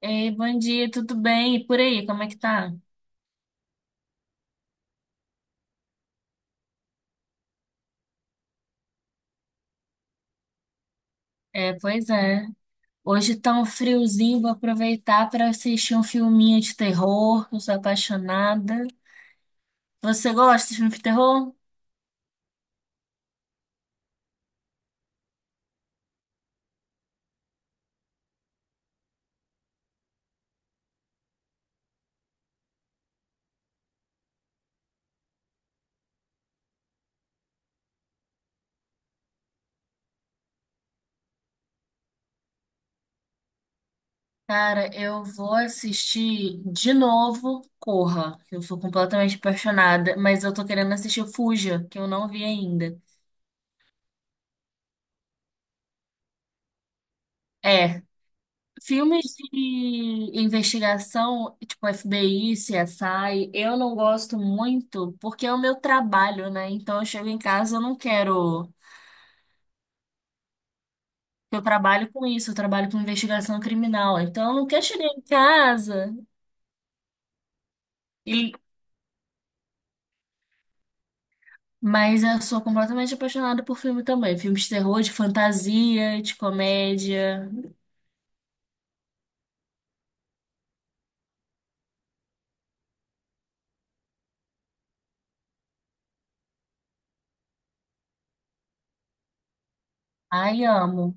Ei, bom dia, tudo bem? E por aí, como é que tá? É, pois é. Hoje tá um friozinho, vou aproveitar para assistir um filminho de terror, que eu sou apaixonada. Você gosta de filme de terror? Cara, eu vou assistir de novo Corra, que eu sou completamente apaixonada, mas eu tô querendo assistir o Fuja, que eu não vi ainda. É, filmes de investigação, tipo FBI, CSI, eu não gosto muito porque é o meu trabalho, né? Então eu chego em casa, eu não quero. Eu trabalho com isso, eu trabalho com investigação criminal. Então eu não quero chegar em casa e. Mas eu sou completamente apaixonada por filme também. Filmes de terror, de fantasia, de comédia. Ai, amo.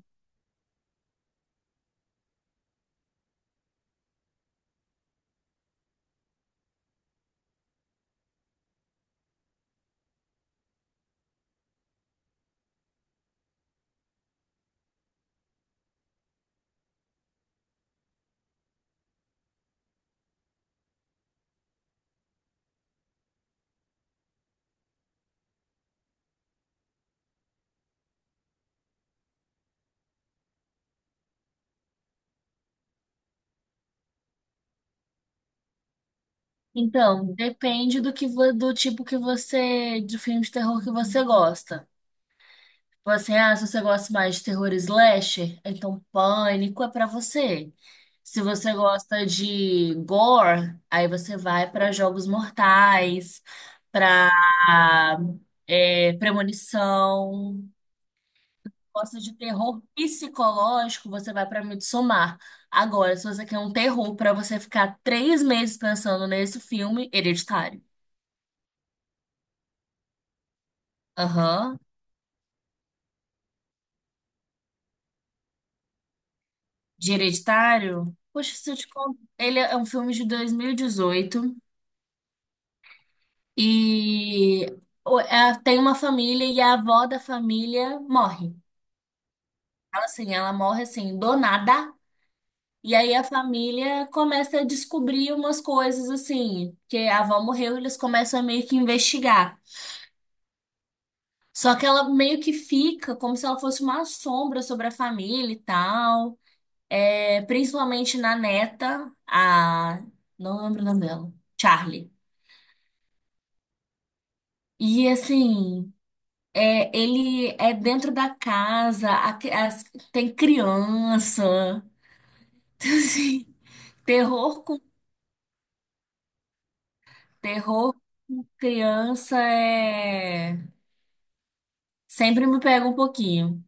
Então, depende do tipo que você, de filme de terror que você gosta. Se você gosta mais de terror slasher, então Pânico é pra você. Se você gosta de gore, aí você vai pra Jogos Mortais, pra Premonição. Gosta de terror psicológico, você vai pra Midsommar. Agora, se você quer um terror pra você ficar 3 meses pensando nesse filme, Hereditário. Aham. De Hereditário? Poxa, se eu te conto. Ele é um filme de 2018. E ela tem uma família e a avó da família morre. Ela, assim, ela morre assim, do nada. E aí a família começa a descobrir umas coisas assim, que a avó morreu, eles começam a meio que investigar. Só que ela meio que fica como se ela fosse uma sombra sobre a família e tal. É, principalmente na neta, a. Não lembro o nome dela. Charlie. E assim. É, ele é dentro da casa, tem criança. Assim, terror com terror com criança sempre me pega um pouquinho.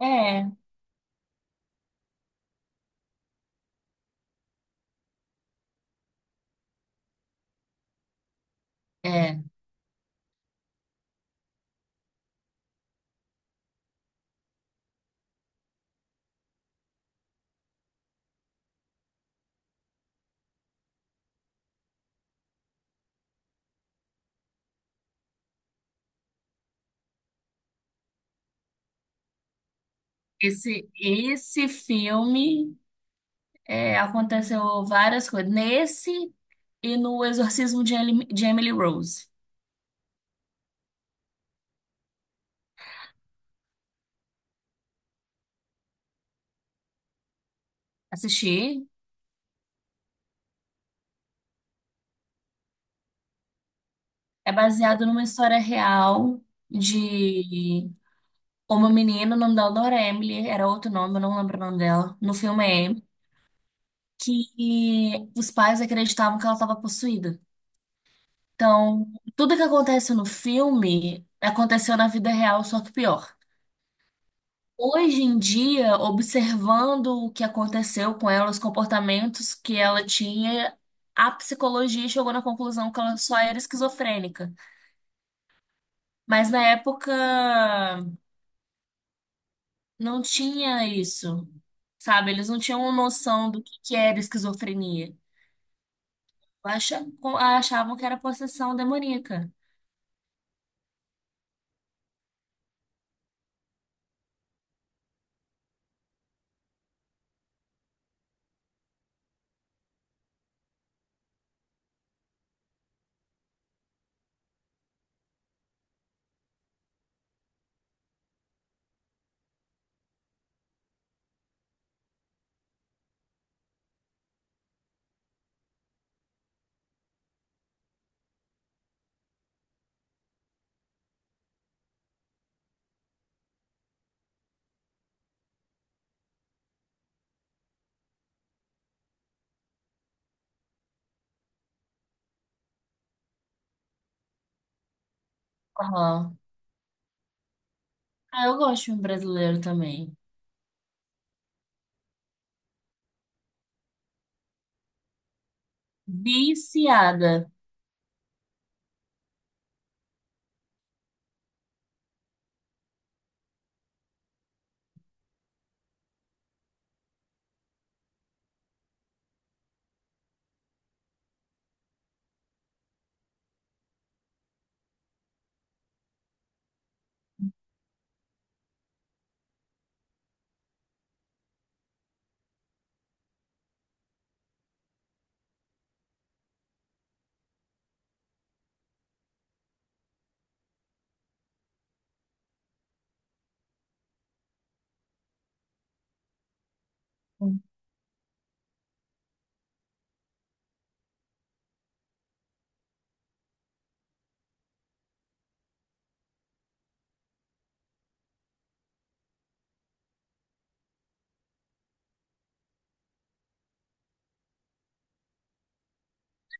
É, é. Esse filme aconteceu várias coisas nesse e no Exorcismo de Emily Rose. Assisti. É baseado numa história real de uma menina, o nome dela não era Emily, era outro nome, eu não lembro o nome dela. No filme é Emily, que os pais acreditavam que ela estava possuída. Então, tudo que acontece no filme aconteceu na vida real, só que pior. Hoje em dia, observando o que aconteceu com ela, os comportamentos que ela tinha, a psicologia chegou na conclusão que ela só era esquizofrênica. Mas na época não tinha isso, sabe? Eles não tinham noção do que era esquizofrenia. Achavam que era possessão demoníaca. Aham. Ah, eu gosto de filme brasileiro também. Viciada.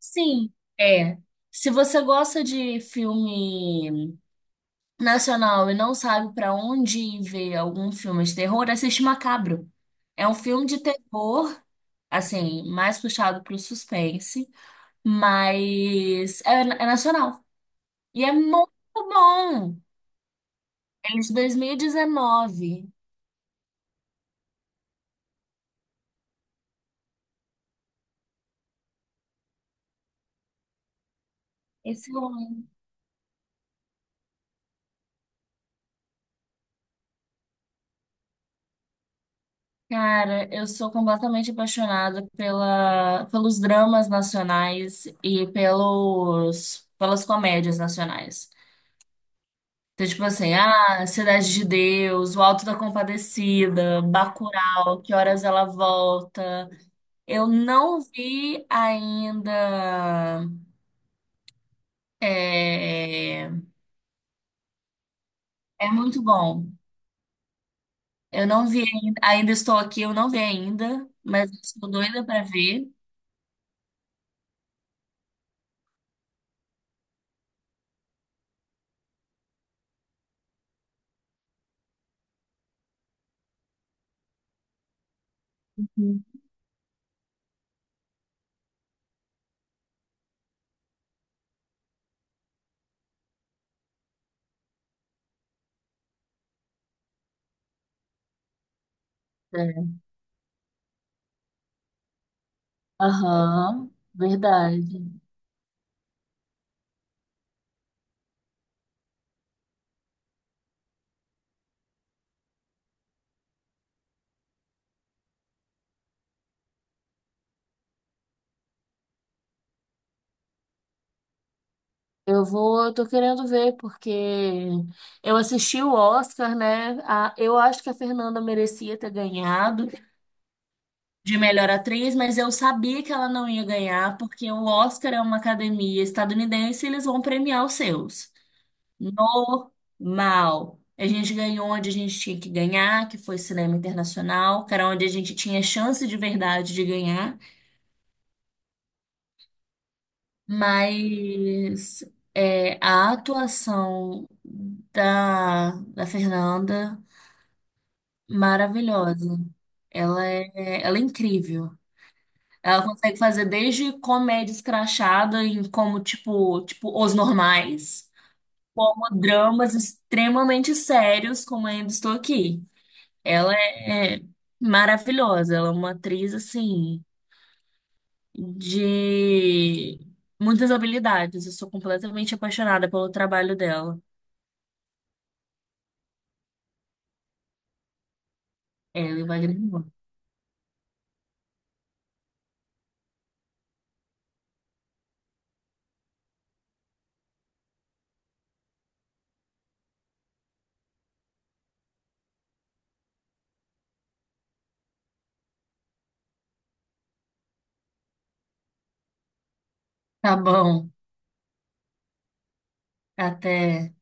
Sim, é. Se você gosta de filme nacional e não sabe pra onde ir ver algum filme de terror, assiste Macabro. É um filme de terror, assim, mais puxado pro suspense, mas é nacional. E é muito bom. É de 2019. Esse ano. Cara, eu sou completamente apaixonada pelos dramas nacionais e pelas comédias nacionais. Então, tipo assim, ah, Cidade de Deus, O Alto da Compadecida, Bacurau, Que Horas Ela Volta. Eu não vi ainda. É, é muito bom. Eu não vi ainda, ainda estou aqui, eu não vi ainda, mas estou doida para ver. Uhum. É. Aham, verdade. Eu tô querendo ver, porque eu assisti o Oscar, né? Eu acho que a Fernanda merecia ter ganhado de melhor atriz, mas eu sabia que ela não ia ganhar, porque o Oscar é uma academia estadunidense e eles vão premiar os seus. Normal. A gente ganhou onde a gente tinha que ganhar, que foi cinema internacional, que era onde a gente tinha chance de verdade de ganhar, mas a atuação da Fernanda, maravilhosa. Ela é incrível. Ela consegue fazer desde comédia escrachada em como, tipo, Os Normais, como dramas extremamente sérios, como Ainda Estou Aqui. Ela é maravilhosa, ela é uma atriz assim de muitas habilidades. Eu sou completamente apaixonada pelo trabalho dela. Ela e o Wagner Moura. Tá bom, até.